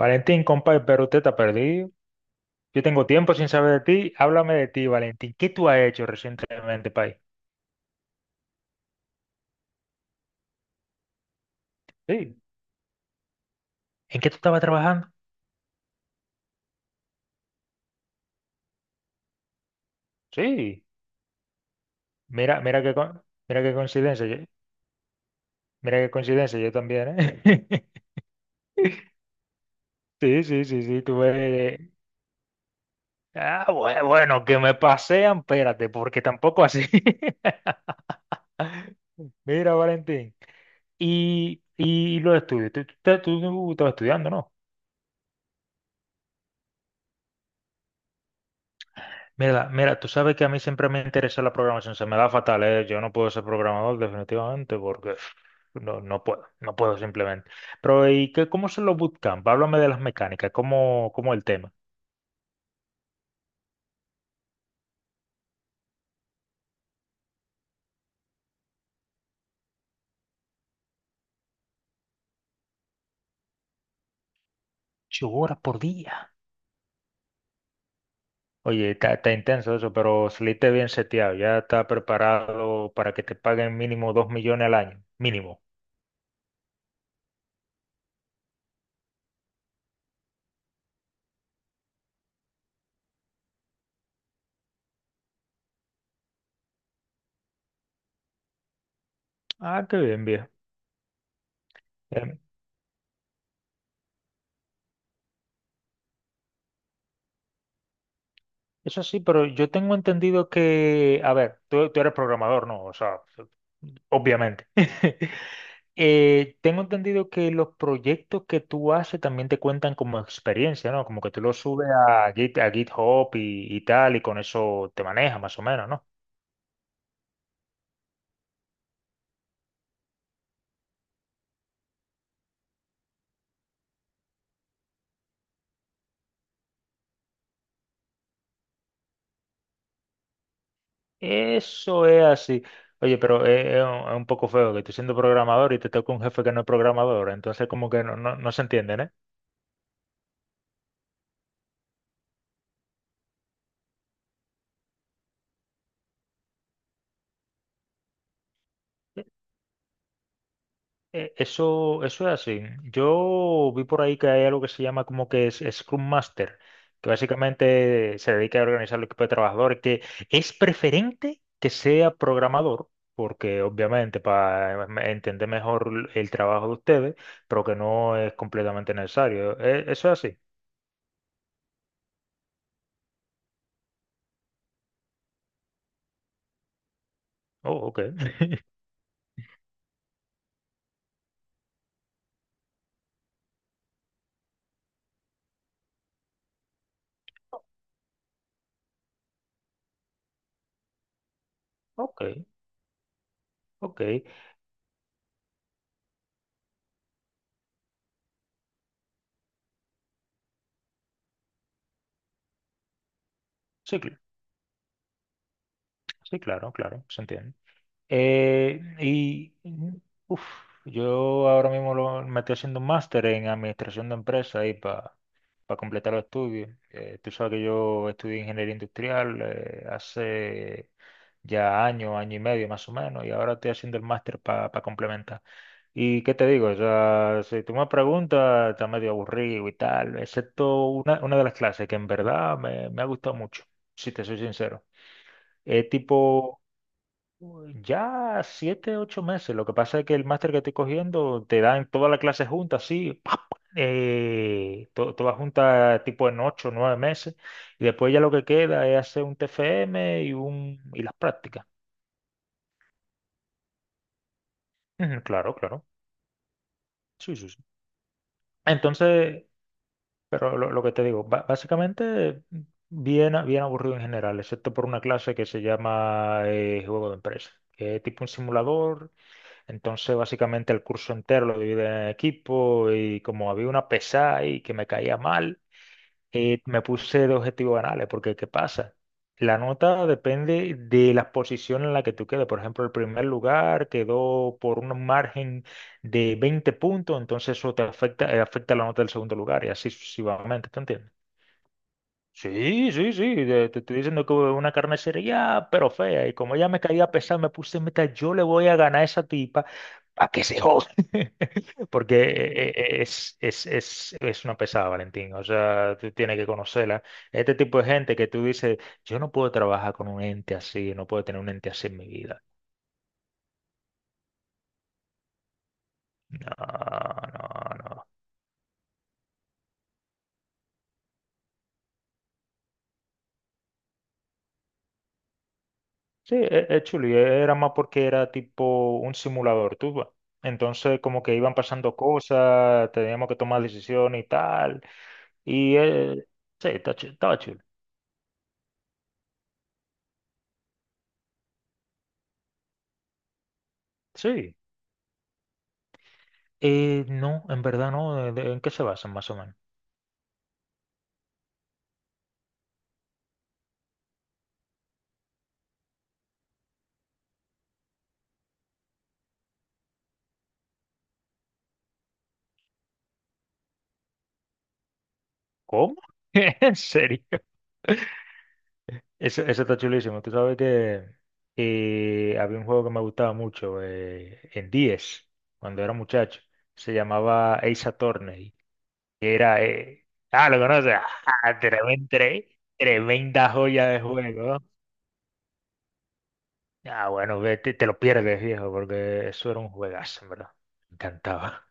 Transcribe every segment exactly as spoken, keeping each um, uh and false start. Valentín, compa, pero usted está perdido. Yo tengo tiempo sin saber de ti. Háblame de ti, Valentín. ¿Qué tú has hecho recientemente, país? Sí. ¿En qué tú estabas trabajando? Sí. Mira, mira qué, co- mira qué coincidencia. Yo- mira qué coincidencia, yo también, ¿eh? Sí, sí, sí, sí, tú ves. Ah, bue- bueno, que me pasean, espérate, porque tampoco así. Mira, Valentín. Y, y los estudios. Tú, tú, tú estabas estudiando, ¿no? Mira, mira, tú sabes que a mí siempre me interesa la programación, se me da fatal, ¿eh? Yo no puedo ser programador definitivamente porque pf, no, no puedo, no puedo simplemente. Pero ¿y qué, cómo son los bootcamp? Háblame de las mecánicas, ¿cómo, cómo el tema? Ocho horas por día. Oye, está, está intenso eso, pero saliste bien seteado, ya está preparado para que te paguen mínimo dos millones al año, mínimo. Ah, qué bien, viejo. Eso sí, pero yo tengo entendido que, a ver, tú, tú eres programador, ¿no? O sea, obviamente. Eh, tengo entendido que los proyectos que tú haces también te cuentan como experiencia, ¿no? Como que tú los subes a Git, a GitHub y, y tal, y con eso te manejas más o menos, ¿no? Eso es así. Oye, pero es, es un es un poco feo que tú siendo programador y te toca un jefe que no es programador, entonces como que no, no, no se entienden, ¿eh? Eh, Eso, eso es así. Yo vi por ahí que hay algo que se llama como que es Scrum Master, que básicamente se dedica a organizar el equipo de trabajadores, que es preferente que sea programador, porque obviamente para entender mejor el trabajo de ustedes, pero que no es completamente necesario. Eh, Eso es así. Oh, ok. Ok, ok. Sí, cl- sí, claro, claro, se entiende. Eh, y uf, yo ahora mismo lo- me estoy haciendo un máster en administración de empresas ahí para completar los estudios. Eh, tú sabes que yo estudié ingeniería industrial eh, hace ya año, año y medio más o menos, y ahora estoy haciendo el máster para complementar. ¿Y qué te digo? O sea, si tú me preguntas, está medio aburrido y tal, excepto una, una de las clases que en verdad me, me ha gustado mucho, si te soy sincero. Es tipo ya siete, ocho meses. Lo que pasa es que el máster que estoy cogiendo te dan toda la clase junta, así, pa, pa, eh, to- toda junta tipo en ocho, nueve meses. Y después ya lo que queda es hacer un T F M y, un, y las prácticas. Ujú, claro, claro. Sí, sí, sí. Entonces, pero lo, lo que te digo, ba- básicamente bien, a- bien aburrido en general, excepto por una clase que se llama eh, Juego de Empresa, que es tipo un simulador. Entonces, básicamente el curso entero lo dividí en equipo y como había una pesada ahí que me caía mal, eh, me puse de objetivos banales, porque ¿qué pasa? La nota depende de la posición en la que tú quedes. Por ejemplo, el primer lugar quedó por un margen de veinte puntos, entonces eso te afecta, eh, afecta la nota del segundo lugar y así sucesivamente, ¿te entiendes? Sí, sí, sí, de- te estoy diciendo que una carnicería, pero fea. Y como ella me caía pesada, me puse meta, yo le voy a ganar a esa tipa a que se joda. Porque eh, eh, es, es, es, es una pesada, Valentín. O sea, tú tienes que conocerla. Este tipo de gente que tú dices, yo no puedo trabajar con un ente así, no puedo tener un ente así en mi vida. No, no, no. Sí, e- es chuli, era más porque era tipo un simulador, tú, va. Entonces, como que iban pasando cosas, teníamos que tomar decisiones y tal. Y eh, sí, está chu- estaba chulo. Sí. Eh, no, en verdad no. ¿de- de- En qué se basan más o menos? ¿Cómo? ¿En serio? Eso, eso está chulísimo. Tú sabes que eh, había un juego que me gustaba mucho eh, en diez, cuando era muchacho. Se llamaba Ace Attorney, que era, eh, ah, lo conoces, ah, tremen- tre- tremenda joya de juego. Ah, bueno, ve, te, te lo pierdes, viejo, porque eso era un juegazo, ¿en verdad? Me encantaba.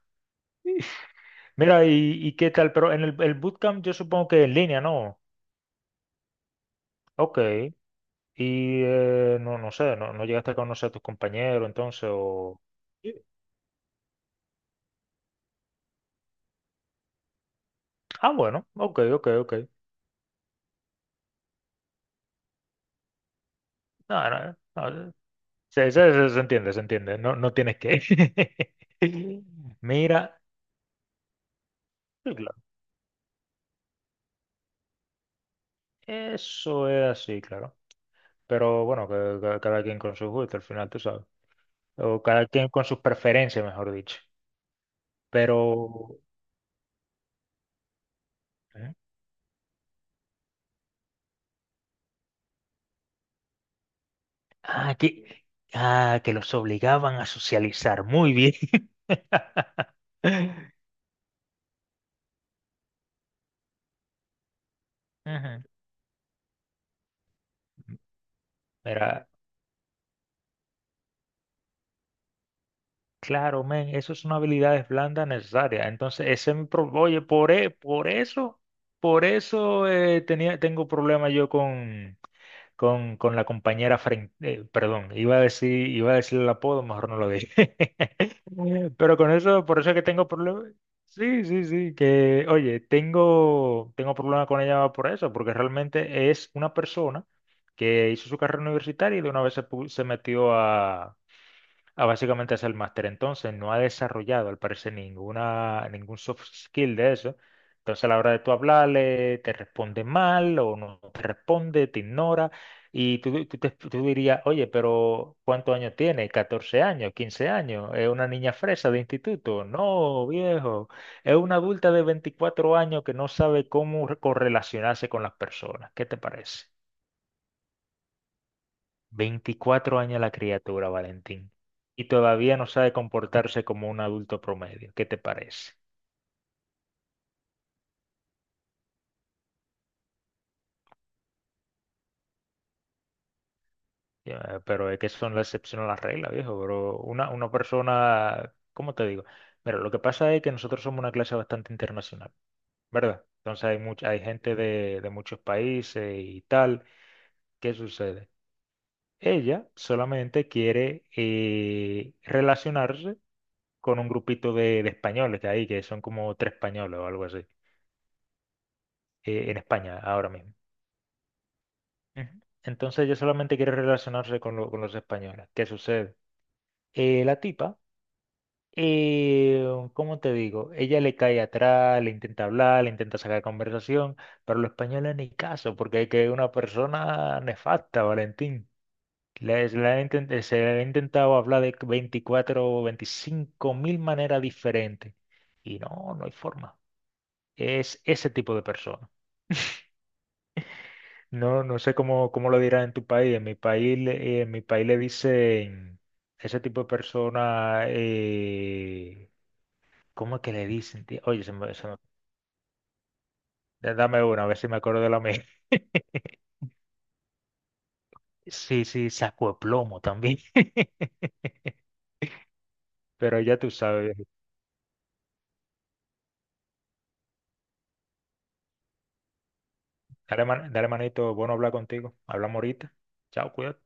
Mira, y, y qué tal, pero en el, el bootcamp yo supongo que en línea, ¿no? Ok. Y eh, no, no sé, no, no llegaste a conocer a tus compañeros entonces o... Sí. Ah, bueno, ok, ok, ok. No, no, no, se, se- se- se entiende, se entiende. No, no tienes que... Mira. Eso es así, claro. Pero bueno, que- que- cada quien con sus gustos, al final, tú sabes. O cada quien con sus preferencias, mejor dicho. Pero... ¿eh? Ah, que, ah, que los obligaban a socializar. Muy bien. Ujú. Mira, claro, men, eso es una habilidad blanda necesaria. Entonces, ese es mi pro- oye, por, e- por eso, por eso eh, tenía, tengo problema yo con con, con la compañera frente, eh, perdón, iba a decir, iba a decir el apodo, mejor no lo dije. Pero con eso, por eso es que tengo problemas. Sí, sí, sí, que, oye, tengo, tengo problemas con ella por eso, porque realmente es una persona que hizo su carrera universitaria y de una vez se, pu- se metió a. Ah, básicamente es el máster. Entonces, no ha desarrollado, al parecer, ninguna, ningún soft skill de eso. Entonces, a la hora de tú hablarle, te responde mal o no te responde, te ignora. Y tú, tú te- tú dirías, oye, pero ¿cuántos años tiene? ¿Catorce años? ¿Quince años? ¿Es una niña fresa de instituto? No, viejo. Es una adulta de veinticuatro años que no sabe cómo re- correlacionarse con las personas. ¿Qué te parece? Veinticuatro años la criatura, Valentín, y todavía no sabe comportarse como un adulto promedio. ¿Qué te parece? Ya, pero es que son la excepción a la regla, viejo. Pero una, una persona, ¿cómo te digo? Mira, lo que pasa es que nosotros somos una clase bastante internacional, ¿verdad? Entonces hay mucha, hay gente de, de muchos países y tal. ¿Qué sucede? Ella solamente quiere eh, relacionarse con un grupito de, de españoles que hay, que son como tres españoles o algo así, eh, en España ahora mismo. Ujú. Entonces yo solamente quiero relacionarse con, lo- con los españoles. ¿Qué sucede? Eh, la tipa, eh, ¿cómo te digo? Ella le cae atrás, le intenta hablar, le intenta sacar conversación, pero los españoles ni caso, porque hay que una persona nefasta, Valentín. Les- la han intent- eh, se le ha intentado hablar de veinticuatro, o veinticinco mil maneras diferentes. Y no, no hay forma. Es ese tipo de persona. No, no sé cómo, cómo lo dirán en tu país. En mi país, le- eh, en mi país le dicen ese tipo de persona, eh, ¿cómo es que le dicen? ¿Tío? Oye, se me- se me- da- dame una, a ver si me acuerdo de la mía. Sí, sí, saco de plomo también. Pero ya tú sabes, viejo. Dale, man- dale manito, bueno hablar contigo. Hablamos ahorita. Chao, cuídate.